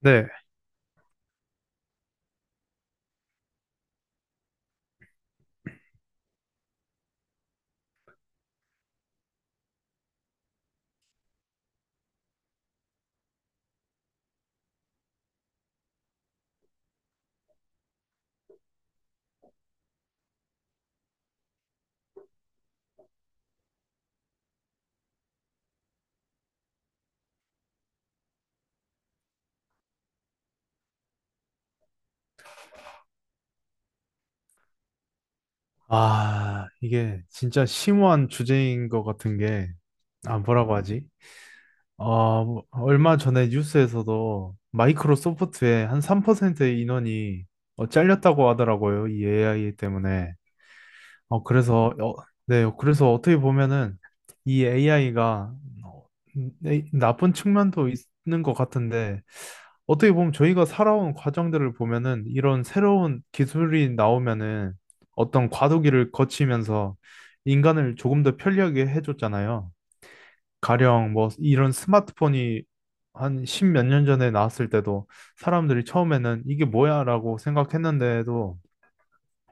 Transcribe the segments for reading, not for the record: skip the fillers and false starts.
네. 아, 이게 진짜 심오한 주제인 것 같은 게, 아, 뭐라고 하지? 얼마 전에 뉴스에서도 마이크로소프트의 한 3%의 인원이 잘렸다고 하더라고요. 이 AI 때문에. 어, 그래서, 어, 네, 그래서 어떻게 보면은 이 AI가 나쁜 측면도 있는 것 같은데, 어떻게 보면 저희가 살아온 과정들을 보면은 이런 새로운 기술이 나오면은 어떤 과도기를 거치면서 인간을 조금 더 편리하게 해줬잖아요. 가령 뭐 이런 스마트폰이 한 십몇 년 전에 나왔을 때도 사람들이 처음에는 이게 뭐야라고 생각했는데도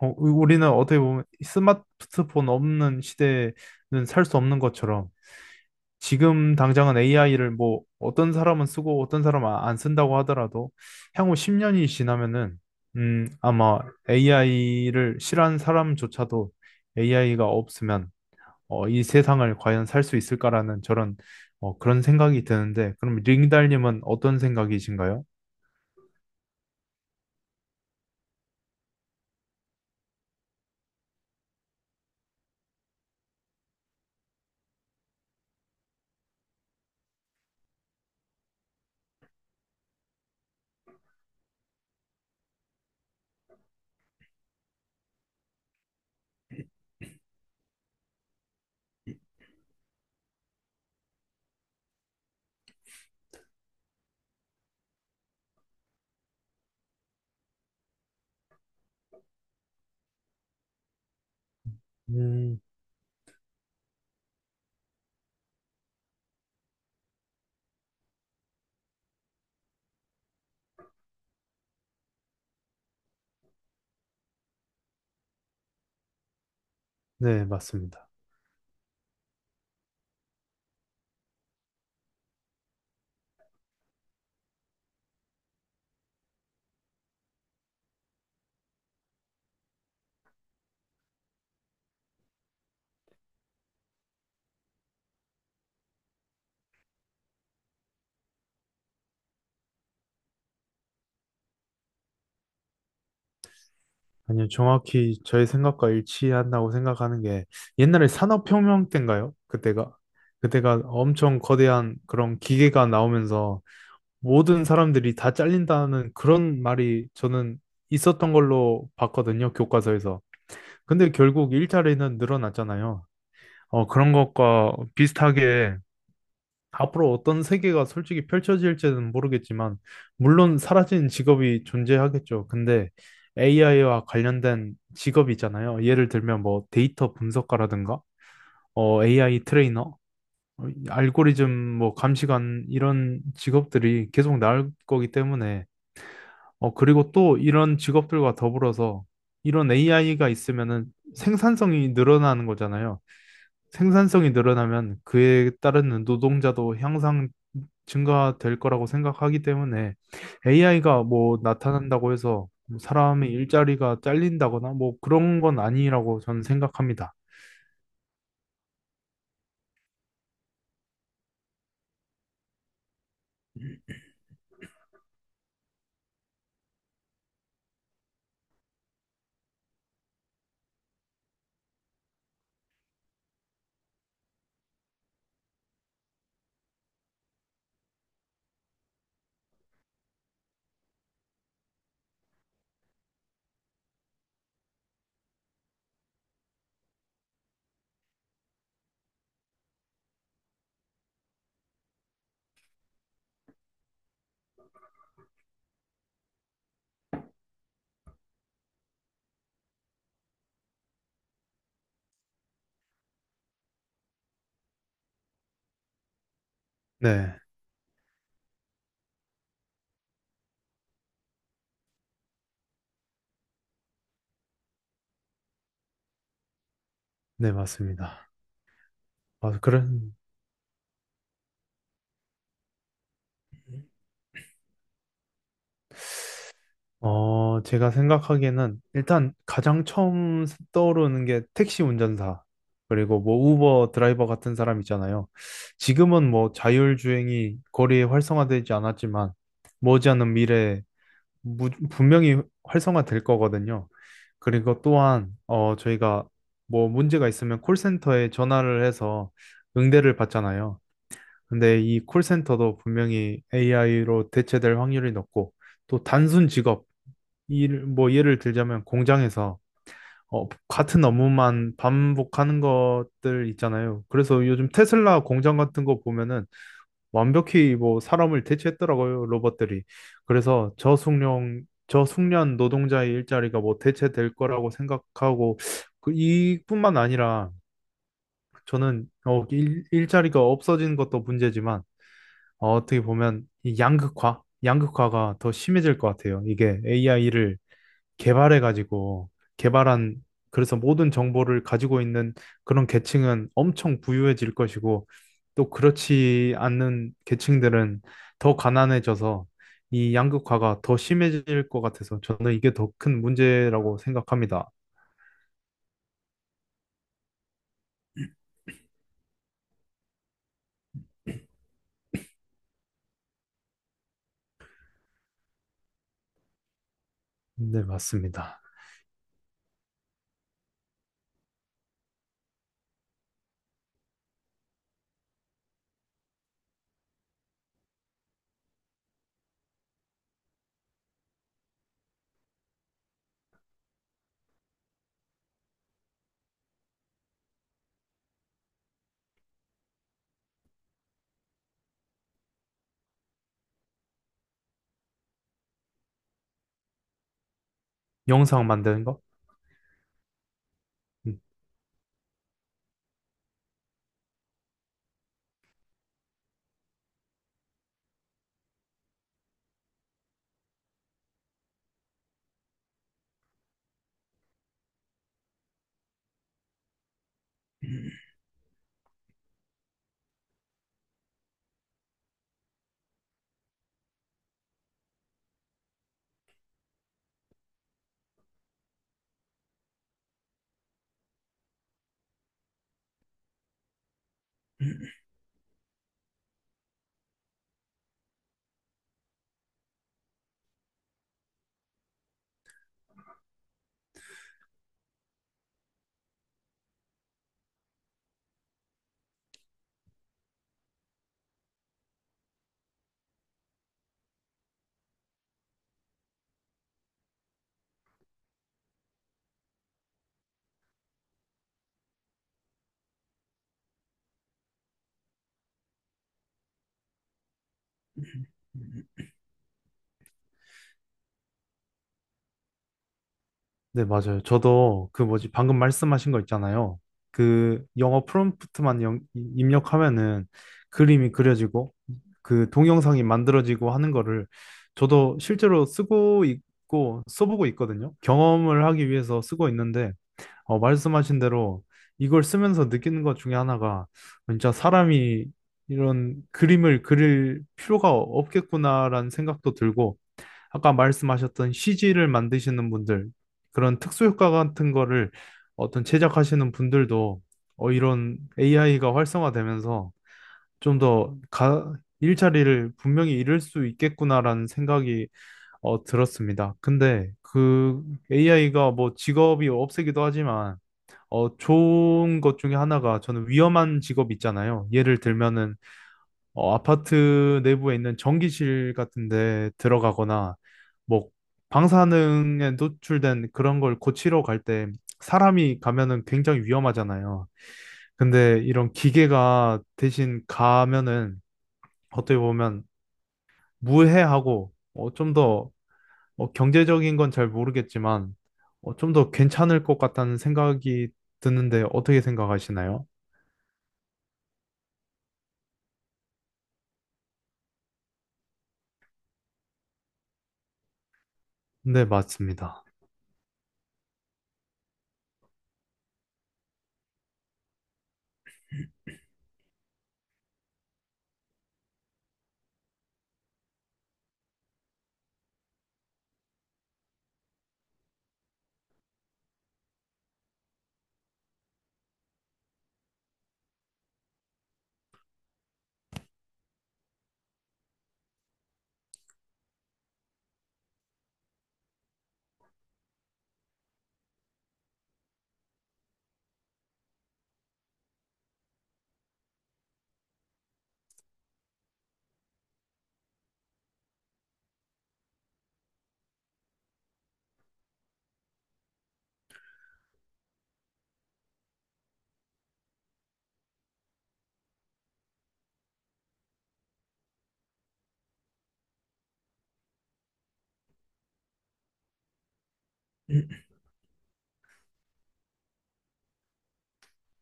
우리는 어떻게 보면 스마트폰 없는 시대는 살 수 없는 것처럼 지금 당장은 AI를 뭐 어떤 사람은 쓰고 어떤 사람은 안 쓴다고 하더라도 향후 10년이 지나면은 아마 AI를 싫어하는 사람조차도 AI가 없으면 이 세상을 과연 살 수 있을까라는 그런 생각이 드는데 그럼 링달님은 어떤 생각이신가요? 음, 네, 맞습니다. 아니요, 정확히 저의 생각과 일치한다고 생각하는 게 옛날에 산업혁명 때인가요? 그때가 엄청 거대한 그런 기계가 나오면서 모든 사람들이 다 잘린다는 그런 말이 저는 있었던 걸로 봤거든요, 교과서에서. 근데 결국 일자리는 늘어났잖아요. 그런 것과 비슷하게 앞으로 어떤 세계가 솔직히 펼쳐질지는 모르겠지만, 물론 사라진 직업이 존재하겠죠. 근데 AI와 관련된 직업이잖아요. 예를 들면 뭐 데이터 분석가라든가, AI 트레이너, 알고리즘 뭐 감시관 이런 직업들이 계속 나올 거기 때문에, 그리고 또 이런 직업들과 더불어서 이런 AI가 있으면은 생산성이 늘어나는 거잖아요. 생산성이 늘어나면 그에 따른 노동자도 향상 증가될 거라고 생각하기 때문에 AI가 뭐 나타난다고 해서 사람의 일자리가 잘린다거나 뭐 그런 건 아니라고 저는 생각합니다. 네, 네, 맞습니다. 아, 그래. 제가 생각하기에는 일단 가장 처음 떠오르는 게 택시 운전사, 그리고 뭐 우버 드라이버 같은 사람 있잖아요. 지금은 뭐 자율주행이 거리에 활성화되지 않았지만 머지않은 미래에 분명히 활성화될 거거든요. 그리고 또한 저희가 뭐 문제가 있으면 콜센터에 전화를 해서 응대를 받잖아요. 근데 이 콜센터도 분명히 AI로 대체될 확률이 높고 또 단순 직업 일, 뭐 예를 들자면 공장에서 같은 업무만 반복하는 것들 있잖아요. 그래서 요즘 테슬라 공장 같은 거 보면은 완벽히 뭐 사람을 대체했더라고요, 로봇들이. 그래서 저숙련 노동자의 일자리가 뭐 대체될 거라고 생각하고 그 이뿐만 아니라 저는 일자리가 없어진 것도 문제지만 어, 어떻게 보면 이 양극화가 더 심해질 것 같아요. 이게 AI를 개발해가지고 개발한 그래서 모든 정보를 가지고 있는 그런 계층은 엄청 부유해질 것이고 또 그렇지 않는 계층들은 더 가난해져서 이 양극화가 더 심해질 것 같아서 저는 이게 더 큰 문제라고 생각합니다. 네, 맞습니다. 영상 만드는 거? 네, 맞아요. 저도 그 뭐지, 방금 말씀하신 거 있잖아요. 그 영어 프롬프트만 입력하면은 그림이 그려지고 그 동영상이 만들어지고 하는 거를 저도 실제로 쓰고 있고 써보고 있거든요. 경험을 하기 위해서 쓰고 있는데, 어, 말씀하신 대로 이걸 쓰면서 느끼는 것 중에 하나가 진짜 사람이 이런 그림을 그릴 필요가 없겠구나라는 생각도 들고 아까 말씀하셨던 CG를 만드시는 분들, 그런 특수효과 같은 거를 어떤 제작하시는 분들도 이런 AI가 활성화되면서 좀 더 일자리를 분명히 잃을 수 있겠구나라는 생각이 들었습니다. 근데 그 AI가 뭐 직업이 없애기도 하지만 어, 좋은 것 중에 하나가 저는 위험한 직업 있잖아요. 예를 들면은 아파트 내부에 있는 전기실 같은 데 들어가거나 뭐 방사능에 노출된 그런 걸 고치러 갈 때 사람이 가면은 굉장히 위험하잖아요. 근데 이런 기계가 대신 가면은 어떻게 보면 무해하고 좀더 경제적인 건 잘 모르겠지만 좀더 괜찮을 것 같다는 생각이 드는데 어떻게 생각하시나요? 네, 맞습니다.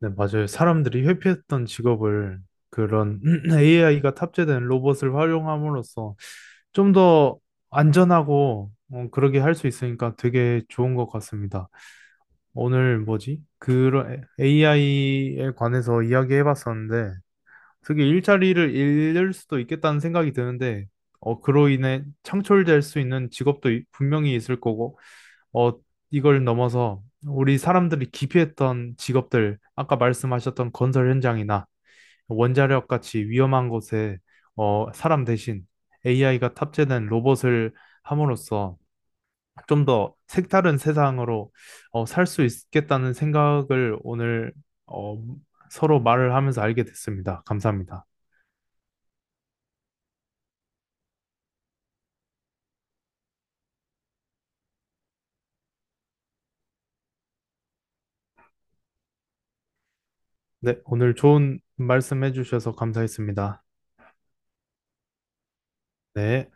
네, 맞아요. 사람들이 회피했던 직업을 그런 AI가 탑재된 로봇을 활용함으로써 좀 더 안전하고 그러게 할 수 있으니까 되게 좋은 것 같습니다. 오늘 뭐지? 그런 AI에 관해서 이야기해 봤었는데 그게 일자리를 잃을 수도 있겠다는 생각이 드는데 그로 인해 창출될 수 있는 직업도 분명히 있을 거고 어, 이걸 넘어서 우리 사람들이 기피했던 직업들, 아까 말씀하셨던 건설 현장이나 원자력 같이 위험한 곳에 사람 대신 AI가 탑재된 로봇을 함으로써 좀 더 색다른 세상으로 살수 있겠다는 생각을 오늘 어, 서로 말을 하면서 알게 됐습니다. 감사합니다. 네, 오늘 좋은 말씀 해주셔서 감사했습니다. 네.